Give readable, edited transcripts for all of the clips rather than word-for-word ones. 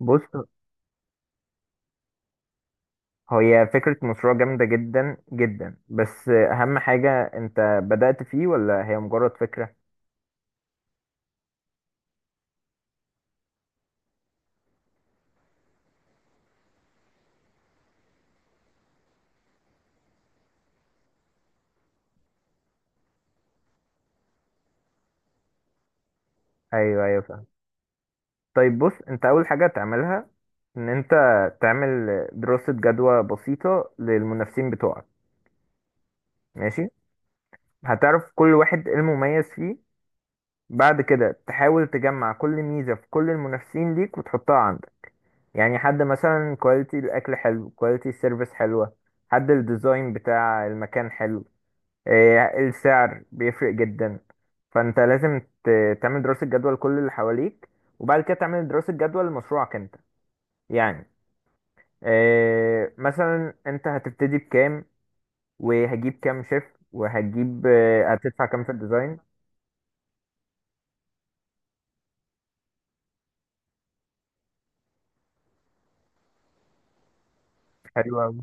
بص، هي فكرة مشروع جامدة جدا جدا، بس أهم حاجة أنت بدأت فيه ولا هي مجرد فكرة؟ أيوه أيوه، فاهم. طيب بص، أنت أول حاجة تعملها إن أنت تعمل دراسة جدوى بسيطة للمنافسين بتوعك. ماشي؟ هتعرف كل واحد إيه المميز فيه. بعد كده تحاول تجمع كل ميزة في كل المنافسين ليك وتحطها عندك. يعني حد مثلا كواليتي الاكل حلو، كواليتي السيرفيس حلوه، حد الديزاين بتاع المكان حلو، السعر بيفرق جدا. فانت لازم تعمل دراسة جدوى لكل اللي حواليك، وبعد كده تعمل دراسة جدوى لمشروعك انت. يعني مثلا انت هتبتدي بكام، وهجيب كام شيف، وهجيب هتدفع كام في الديزاين. حلو أوي.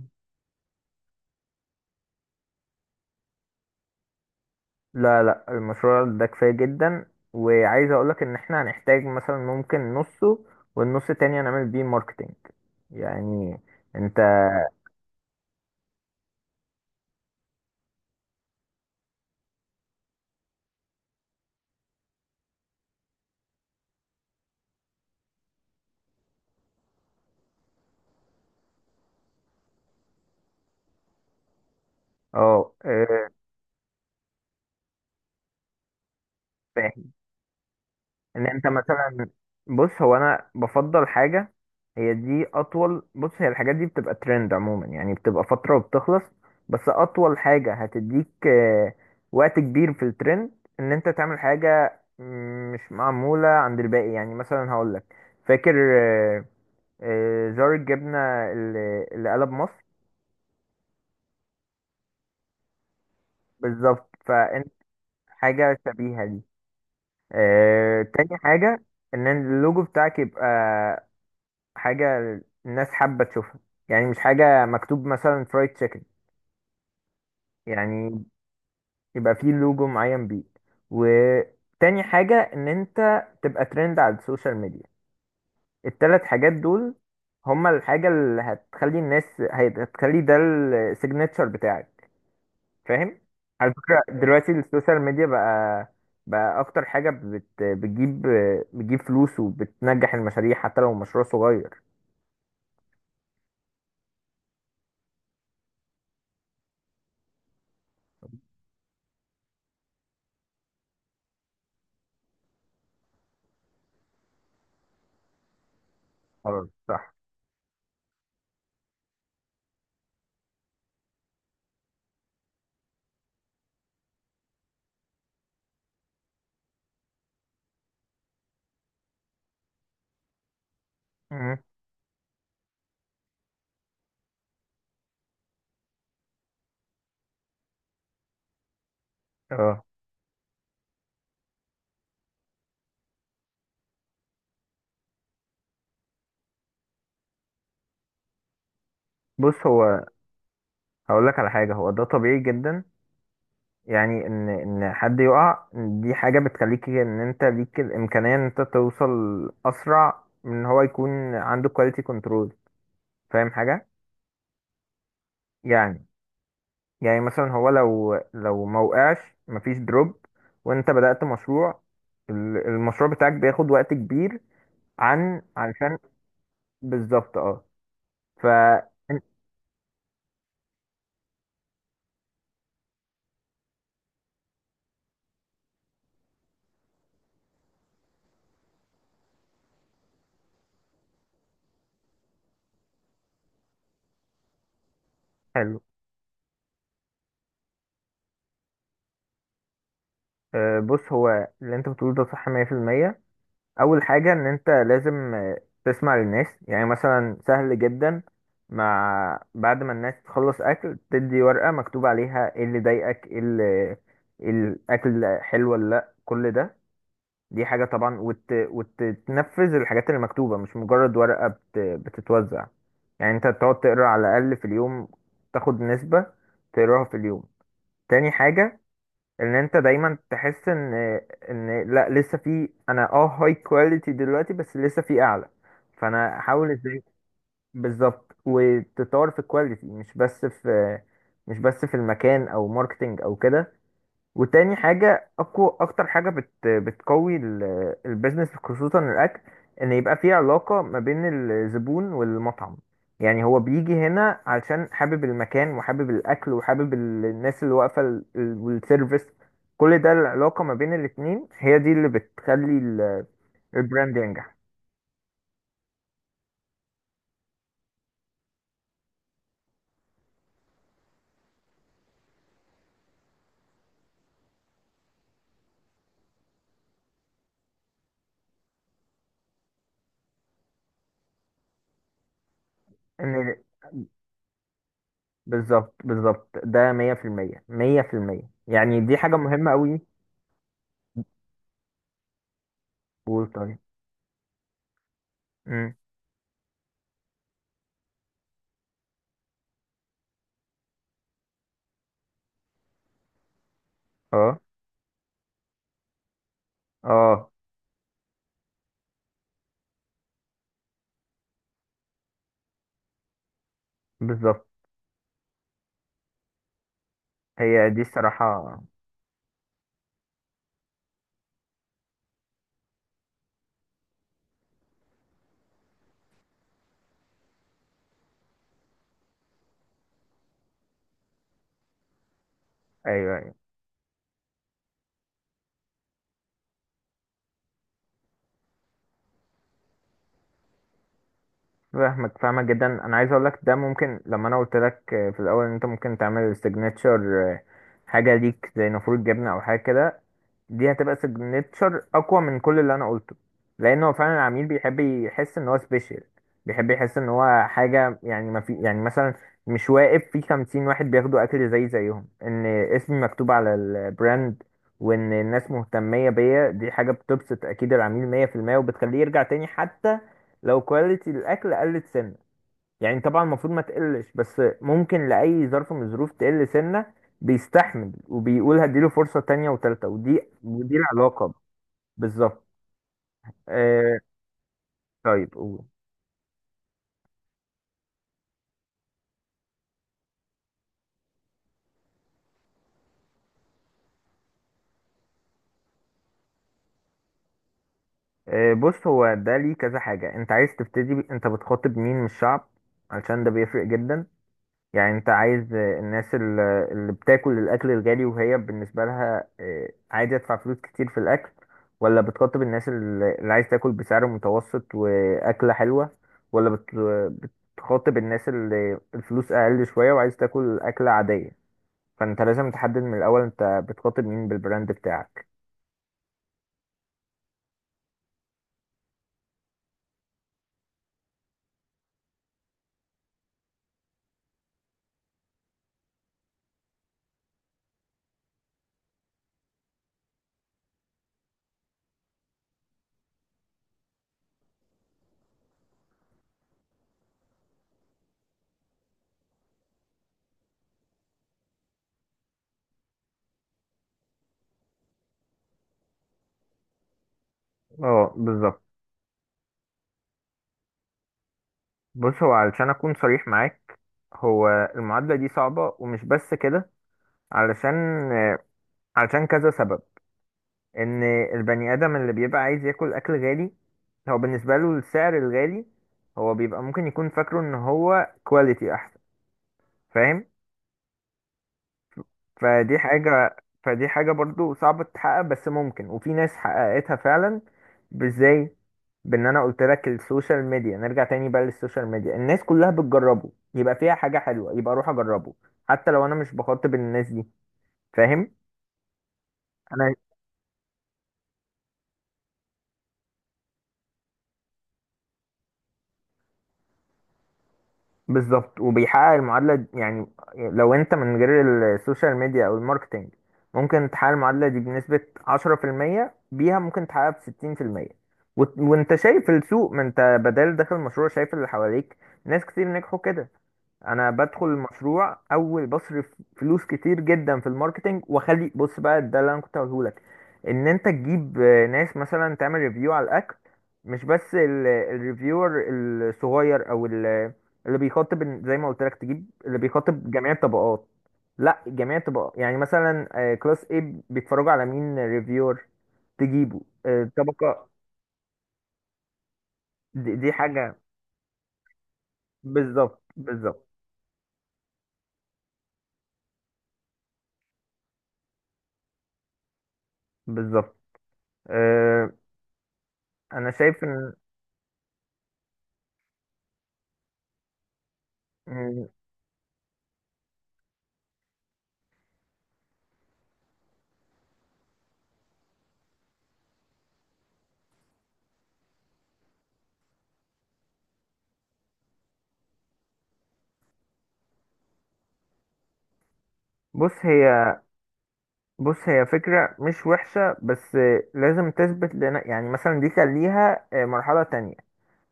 لا لا، المشروع ده كفاية جدا، وعايز اقولك ان احنا هنحتاج مثلا ممكن نصه، والنص التاني هنعمل بيه ماركتينج. يعني انت اه إيه، ان انت مثلا. بص، هو انا بفضل حاجه. هي دي اطول. بص، هي الحاجات دي بتبقى ترند عموما، يعني بتبقى فتره وبتخلص، بس اطول حاجه هتديك وقت كبير في الترند ان انت تعمل حاجه مش معموله عند الباقي. يعني مثلا هقول لك، فاكر آه، زار الجبنه اللي قلب مصر؟ بالظبط، فانت حاجه شبيهه دي. تاني حاجه ان اللوجو بتاعك يبقى حاجة الناس حابة تشوفها، يعني مش حاجة مكتوب مثلا فرايد تشيكن، يعني يبقى فيه لوجو معين بيه. وتاني حاجة ان انت تبقى ترند على السوشيال ميديا. التلات حاجات دول هما الحاجة اللي هتخلي الناس، هتخلي ده السيجنتشر بتاعك. فاهم؟ على فكرة دلوقتي السوشيال ميديا بقى أكتر حاجة بتجيب بتجيب فلوس وبتنجح المشاريع حتى لو مشروع صغير. خلاص صح. مهم. اه بص، هو هقول لك على حاجة. هو ده طبيعي جدا، يعني ان حد يقع. دي حاجة بتخليك ان انت ليك الامكانية ان انت توصل اسرع من ان هو يكون عنده كواليتي كنترول. فاهم حاجة؟ يعني يعني مثلا هو لو ما وقعش مفيش دروب، وانت بدأت مشروع، المشروع بتاعك بياخد وقت كبير علشان. بالظبط. اه. ف حلو. بص، هو اللي انت بتقوله ده صح 100%. اول حاجه ان انت لازم تسمع للناس. يعني مثلا سهل جدا، مع بعد ما الناس تخلص اكل تدي ورقه مكتوب عليها ايه اللي ضايقك، ايه اللي، إيه الاكل حلو ولا لا، كل ده. دي حاجه طبعا، وتنفذ الحاجات اللي مكتوبه، مش مجرد ورقه بتتوزع. يعني انت تقعد تقرا على الاقل في اليوم، تاخد نسبه تقراها في اليوم. تاني حاجه ان انت دايما تحس ان لا لسه في. انا اه هاي كواليتي دلوقتي بس لسه في اعلى، فانا احاول ازاي. بالظبط، وتطور في الكواليتي مش بس في، المكان او ماركتنج او كده. وتاني حاجة أقوى. أكتر حاجة بتقوي البيزنس خصوصا الأكل، إن يبقى في علاقة ما بين الزبون والمطعم. يعني هو بيجي هنا علشان حابب المكان، وحابب الأكل، وحابب الناس اللي واقفة والسيرفيس. كل ده العلاقة ما بين الاتنين هي دي اللي بتخلي البراند ينجح. إن بالظبط بالظبط، ده مية في المية، مية في المية. يعني دي حاجة مهمة أوي. قول طيب. مم. اه اه، بالظبط. هي دي الصراحة. أيوه أيوه، فاهمك فاهمك جدا. أنا عايز أقولك ده ممكن. لما أنا قلت لك في الأول إن أنت ممكن تعمل سيجنتشر، حاجة ليك زي نافورة جبنة أو حاجة كده، دي هتبقى سيجنتشر اقوى من كل اللي انا قلته، لان هو فعلا العميل بيحب يحس ان هو سبيشال. بيحب يحس ان هو حاجه، يعني ما في، يعني مثلا مش واقف في 50 واحد بياخدوا اكل زي زيهم. ان اسمي مكتوب على البراند وان الناس مهتميه بيا، دي حاجه بتبسط اكيد العميل 100%، وبتخليه يرجع تاني، حتى لو كواليتي الاكل قلت سنه. يعني طبعا المفروض ما تقلش، بس ممكن لأي ظرف من الظروف تقل سنة، بيستحمل وبيقول هديله فرصة تانية وتالتة، ودي العلاقة. بالظبط. آه. طيب قول. آه، بص، هو ده ليه كذا حاجة. انت عايز تبتدي انت بتخاطب مين من الشعب؟ علشان ده بيفرق جدا. يعني انت عايز الناس اللي بتاكل الاكل الغالي وهي بالنسبه لها عادي تدفع فلوس كتير في الاكل، ولا بتخاطب الناس اللي عايز تاكل بسعر متوسط واكله حلوه، ولا بتخاطب الناس اللي الفلوس اقل شويه وعايز تاكل اكله عاديه؟ فانت لازم تحدد من الاول انت بتخاطب مين بالبراند بتاعك. اه بالظبط. بص، هو علشان اكون صريح معاك، هو المعادله دي صعبه، ومش بس كده، علشان آه، كذا سبب. ان البني ادم اللي بيبقى عايز ياكل اكل غالي، هو بالنسبه له السعر الغالي، هو بيبقى ممكن يكون فاكره ان هو كواليتي احسن. فاهم؟ فدي حاجه فدي حاجه برضو صعبه تتحقق، بس ممكن، وفي ناس حققتها فعلا. ازاي؟ بان انا قلت لك السوشيال ميديا، نرجع تاني بقى للسوشيال ميديا. الناس كلها بتجربه يبقى فيها حاجه حلوه، يبقى اروح اجربه حتى لو انا مش بخاطب الناس دي. فاهم؟ بالظبط، وبيحقق المعادلة. يعني لو انت من غير السوشيال ميديا او الماركتينج، ممكن تحقق المعادلة دي بنسبة 10%، بيها ممكن تحققها بستين في المية. وانت شايف السوق، ما انت بدل داخل مشروع شايف اللي حواليك، ناس كتير نجحوا كده. انا بدخل المشروع اول بصرف فلوس كتير جدا في الماركتينج، واخلي. بص بقى، ده اللي انا كنت هقوله لك، ان انت تجيب ناس مثلا تعمل ريفيو على الاكل. مش بس الريفيور الصغير، او اللي بيخاطب زي ما قلت لك، تجيب اللي بيخاطب جميع الطبقات. لا، جميع الطبقات يعني مثلا كلاس A بيتفرجوا على مين ريفيور، تجيبه. طبقة. دي حاجة. بالظبط بالظبط بالظبط. آه، انا شايف ان، بص هي بص هي فكرة مش وحشة، بس لازم تثبت لنا، يعني مثلا دي خليها مرحلة تانية.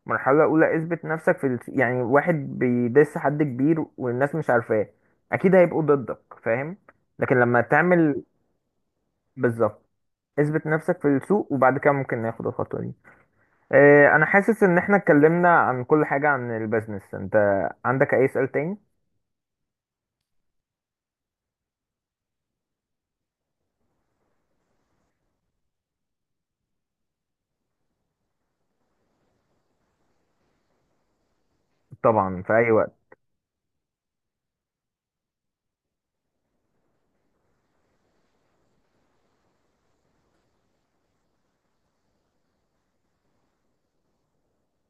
مرحلة أولى اثبت نفسك في يعني واحد بيدس حد كبير والناس مش عارفاه، أكيد هيبقوا ضدك. فاهم؟ لكن لما تعمل. بالظبط. اثبت نفسك في السوق، وبعد كده ممكن ناخد الخطوة دي. أنا حاسس إن احنا اتكلمنا عن كل حاجة عن البيزنس. أنت عندك أي سؤال تاني؟ طبعا، في أي وقت.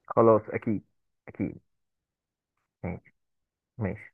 خلاص أكيد. أكيد. ماشي ماشي.